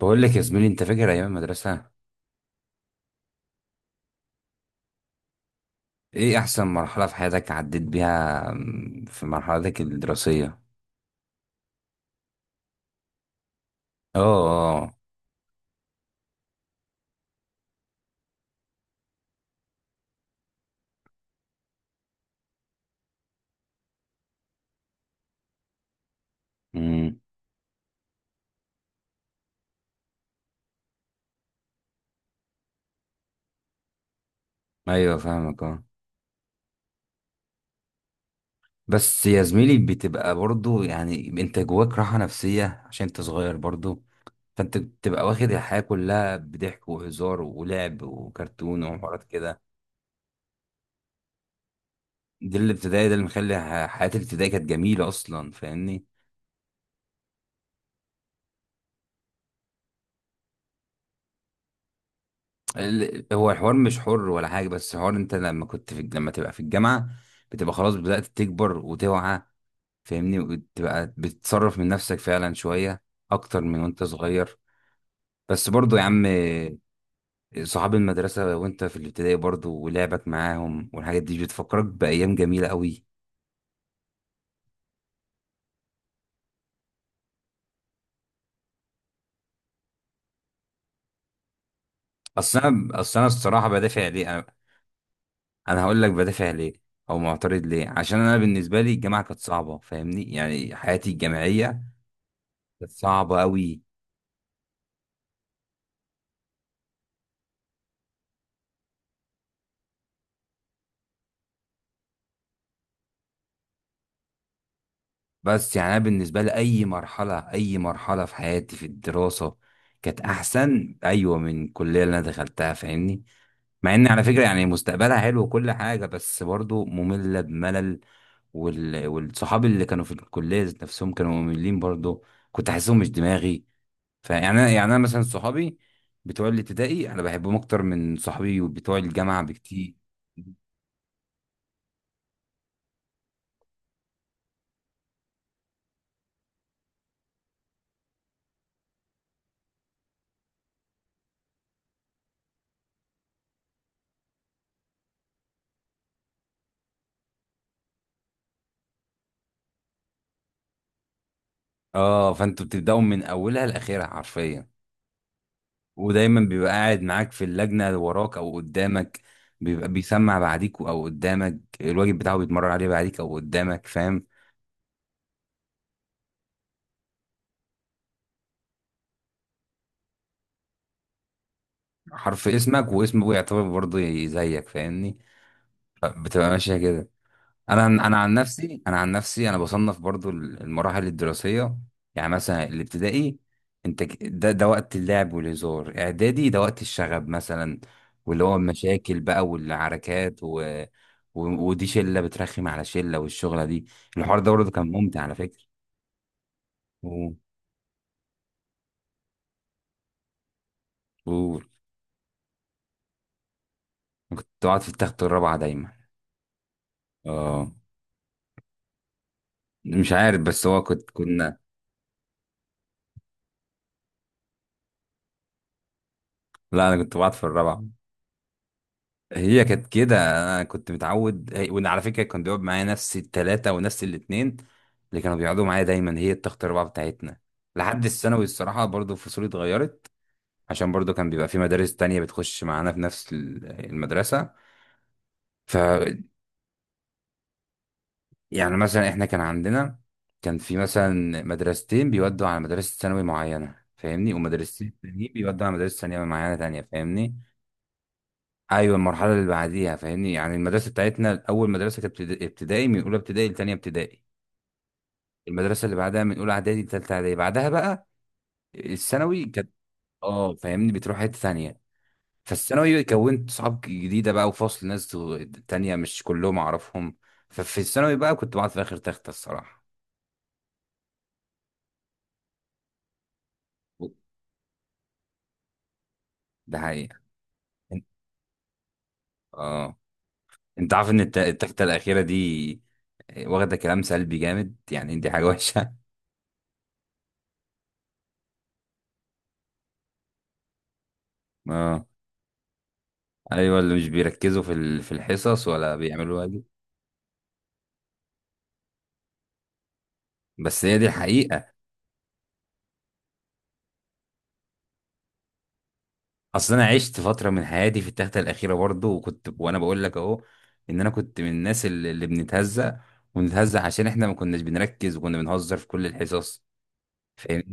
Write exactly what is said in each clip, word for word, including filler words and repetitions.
بقول لك يا زميلي، انت فاكر ايام المدرسه؟ ايه احسن مرحله في حياتك عديت بيها، م، في مرحلتك الدراسيه؟ اه. اه. امم. ايوه فاهمك، اه. بس يا زميلي، بتبقى برضو يعني انت جواك راحه نفسيه عشان انت صغير برضو. فانت بتبقى واخد الحياه كلها بضحك وهزار ولعب وكرتون وحوارات كده. دي الابتدائي، ده اللي مخلي ح- حياه الابتدائي كانت جميله اصلا، فاهمني؟ ال- هو الحوار مش حر ولا حاجة، بس الحوار انت لما كنت في لما تبقى في الجامعة بتبقى خلاص بدأت تكبر وتوعى. فاهمني؟ وتبقى بتتصرف من نفسك فعلا شوية أكتر من وانت صغير. بس برضو يا عم، صحاب المدرسة وانت في الابتدائي برضو ولعبك معاهم والحاجات دي بتفكرك بأيام جميلة قوي. أصل أنا أصل أنا الصراحة بدافع ليه أنا، أنا هقول لك بدافع ليه أو معترض ليه. عشان أنا بالنسبة لي الجامعة كانت صعبة، فاهمني؟ يعني حياتي الجامعية كانت صعبة قوي. بس يعني انا بالنسبه لي اي مرحله اي مرحله في حياتي في الدراسه كانت احسن، ايوه، من الكليه اللي انا دخلتها، فاهمني؟ مع ان على فكره يعني مستقبلها حلو وكل حاجه، بس برضو ممله بملل. وال... والصحاب اللي كانوا في الكليه ذات نفسهم كانوا مملين برضو، كنت احسهم مش دماغي. فيعني انا يعني انا مثلا صحابي بتوع الابتدائي انا بحبهم اكتر من صحابي وبتوع الجامعه بكتير. اه، فانتوا بتبداوا من اولها لاخرها حرفيا. ودايما بيبقى قاعد معاك في اللجنة وراك أو قدامك، بيبقى بيسمع بعديك أو قدامك، الواجب بتاعه بيتمرن عليه بعديك أو قدامك، فاهم؟ حرف اسمك واسمه يعتبر برضه زيك، فاهمني؟ بتبقى ماشية كده. انا انا عن نفسي انا عن نفسي انا بصنف برضو المراحل الدراسيه. يعني مثلا الابتدائي، انت ك- ده ده وقت اللعب والهزار. اعدادي ده وقت الشغب مثلا، واللي هو المشاكل بقى والعركات و... و... ودي شله بترخم على شله، والشغله دي الحوار ده برضه كان ممتع على فكره. و... و... كنت بقعد في التخت الرابعه دايما. اه، مش عارف، بس هو كنت كنا لا انا كنت بقعد في الرابعه. هي كانت كده، انا كنت متعود. هي- وان على فكره كان بيقعد معايا نفس الثلاثه ونفس الاثنين اللي كانوا بيقعدوا معايا دايما، هي التخت الاربعه بتاعتنا. لحد الثانوي الصراحه برضو فصولي اتغيرت، عشان برضو كان بيبقى في مدارس تانية بتخش معانا في نفس ال- المدرسه. ف، يعني مثلا احنا كان عندنا كان في مثلا مدرستين بيودوا على مدرسه ثانوي معينه، فاهمني؟ ومدرستين تانيين بيودوا على مدرسه ثانوي معينه تانية، فاهمني؟ ايوه المرحله اللي بعديها، فاهمني؟ يعني المدرسه بتاعتنا اول مدرسه كانت ابتدا- ابتدائي من اولى ابتدائي لتانية ابتدائي. المدرسه اللي بعدها من اولى اعدادي لتالتة اعدادي. بعدها بقى الثانوي كانت، اه فاهمني، بتروح حته ثانيه. فالثانوي كونت صحاب جديده بقى، وفصل ناس تانية مش كلهم اعرفهم. ففي الثانوي بقى كنت بقعد في اخر تخته الصراحه. ده حقيقه. اه، انت عارف ان الت- التخته الاخيره دي واخده كلام سلبي جامد، يعني دي حاجه وحشه. آه. ايوه اللي مش بيركزوا في ال- في الحصص ولا بيعملوا واجب. بس هي دي الحقيقه. اصل انا عشت فتره من حياتي في التخته الاخيره برضو، وكنت، وانا بقول لك اهو، ان انا كنت من الناس اللي, اللي بنتهزق. ونتهزق عشان احنا ما كناش بنركز وكنا بنهزر في كل الحصص، فاهم؟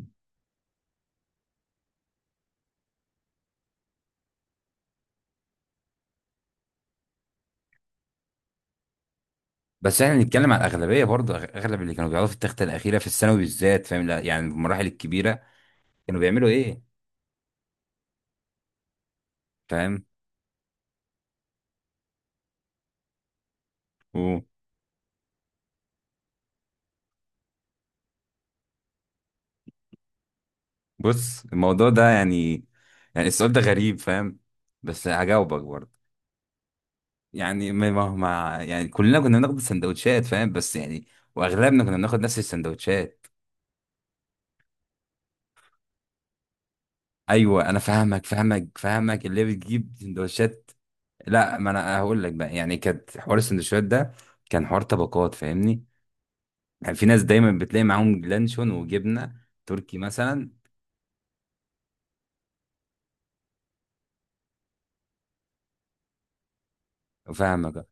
بس احنا بنتكلم على الاغلبيه برضو، أغ- اغلب اللي كانوا بيقعدوا في التخته الاخيره في الثانوي بالذات، فاهم؟ لا يعني في المراحل الكبيره كانوا بيعملوا ايه، فاهم؟ وبص، الموضوع ده يعني، يعني السؤال ده غريب، فاهم؟ بس هجاوبك برضو. يعني ما ما ما- يعني كلنا كنا بناخد السندوتشات، فاهم؟ بس يعني واغلبنا كنا بناخد نفس السندوتشات. ايوه انا فاهمك فاهمك فاهمك اللي بتجيب سندوتشات. لا، ما انا هقول لك بقى. يعني كانت حوار السندوتشات ده كان حوار طبقات، فاهمني؟ يعني في ناس دايما بتلاقي معاهم لانشون وجبنه تركي مثلا. فاهمك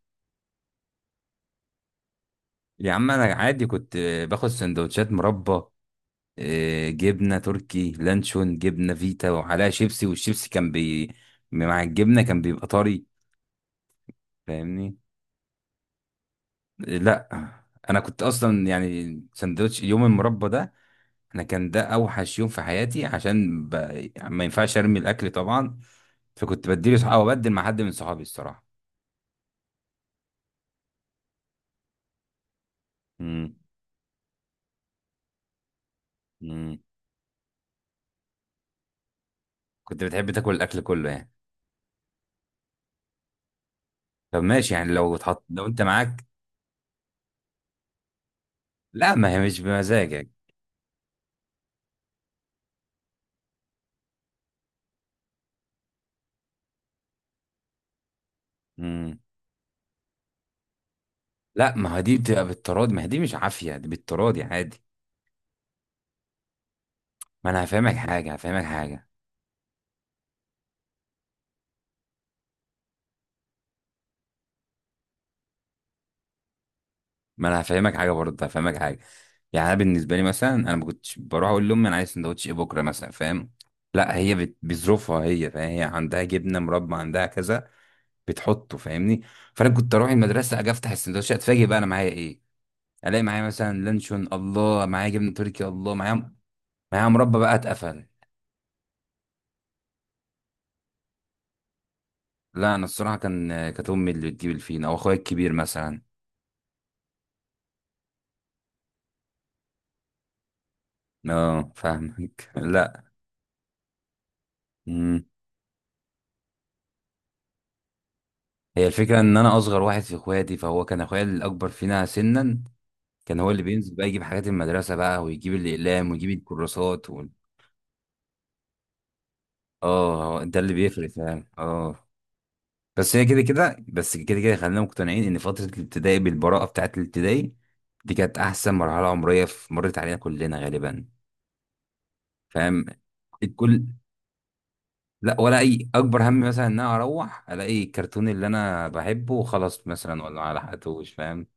يا عم. انا عادي كنت باخد سندوتشات مربى، آه، جبنه تركي، لانشون، جبنه فيتا وعليها شيبسي. والشيبسي كان بي مع الجبنه كان بيبقى طري، فاهمني؟ لا انا كنت اصلا يعني سندوتش يوم المربى ده، انا كان ده اوحش يوم في حياتي. عشان ب... ما ينفعش ارمي الاكل طبعا، فكنت بديله صح... او ابدل مع حد من صحابي الصراحه. امم. امم. كنت بتحب تاكل الاكل كله يعني. طب ماشي، يعني لو اتحط، لو انت معاك، لا ما هي مش بمزاجك. امم. لا ما هي دي بتبقى بالتراضي، ما هي دي مش عافيه، دي بالتراضي عادي. ما انا هفهمك حاجه هفهمك حاجه. ما انا هفهمك حاجه برضه هفهمك حاجه. يعني انا بالنسبه لي مثلا انا ما كنتش بروح اقول لامي انا عايز سندوتش ايه بكره مثلا، فاهم؟ لا هي بت- بظروفها هي، فاهم؟ هي عندها جبنه، مربى، عندها كذا، بتحطه، فاهمني؟ فانا كنت اروح المدرسه اجي افتح السندوتشات اتفاجئ بقى انا معايا ايه. الاقي معايا مثلا لانشون، الله، معايا جبنه تركي، الله، معايا معايا مربى بقى اتقفل. لا انا الصراحه كان كانت امي اللي بتجيب الفينا او اخويا الكبير مثلا. اه فاهمك لا. هي الفكرة إن أنا أصغر واحد في إخواتي، فهو كان أخويا الأكبر فينا سنا، كان هو اللي بينزل بقى يجيب حاجات المدرسة بقى، ويجيب الأقلام ويجيب الكراسات وال... آه، هو ده اللي بيفرق فعلا، آه. بس هي كده كده، بس كده كده خلينا مقتنعين إن فترة الابتدائي بالبراءة بتاعة الابتدائي دي كانت أحسن مرحلة عمرية في مرت علينا كلنا غالبا. فاهم؟ الكل، لا، ولا أي أكبر هم مثلا إن أنا أروح ألاقي الكرتون اللي أنا بحبه وخلاص مثلا، ولا على حقته، فاهم؟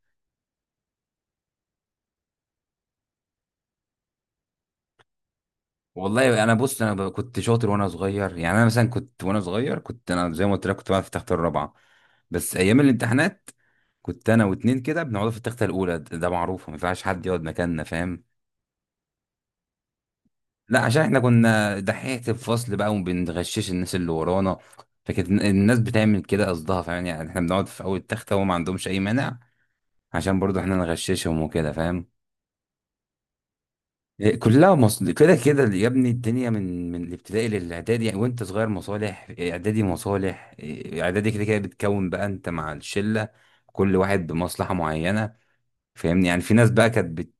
والله انا بص، انا ب- كنت شاطر وانا صغير. يعني انا مثلا كنت وانا صغير، كنت انا زي ما قلت لك كنت بقعد في تخت الرابعه. بس ايام الامتحانات كنت انا واتنين كده بنقعد في التخته الاولى. ده ده معروف ما ينفعش حد يقعد مكاننا، فاهم؟ لا عشان احنا كنا دحيحه الفصل بقى وبنغشش الناس اللي ورانا. فكانت الن- الناس بتعمل كده قصدها، فاهم؟ يعني احنا بنقعد في اول تخته وهم ما عندهمش اي مانع، عشان برضو احنا نغششهم وكده، فاهم؟ إيه، كلها مصل كده كده يا ابني. الدنيا من من الابتدائي للاعدادي يعني، وانت صغير مصالح، إيه، اعدادي مصالح، إيه، اعدادي كده كده بتكون بقى انت مع الشله. كل واحد بمصلحه معينه، فاهمني؟ يعني في ناس بقى كانت بت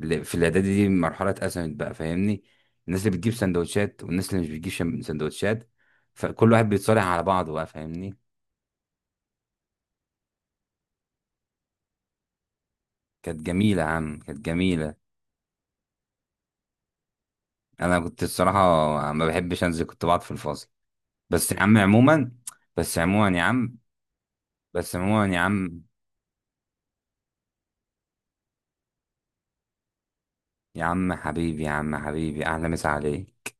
ل- في الاعدادي دي مرحله اتقسمت بقى، فاهمني؟ الناس اللي بتجيب سندوتشات والناس اللي مش بتجيب شم- سندوتشات. فكل واحد بيتصالح على بعضه بقى، فاهمني؟ كانت جميله يا عم، كانت جميله. انا كنت الصراحه ما بحبش انزل، كنت بقعد في الفصل. بس يا عم عموما، بس عموما يا عم، بس عموما يا عم، يا عم حبيبي، يا عم حبيبي، احلى مسا عليك.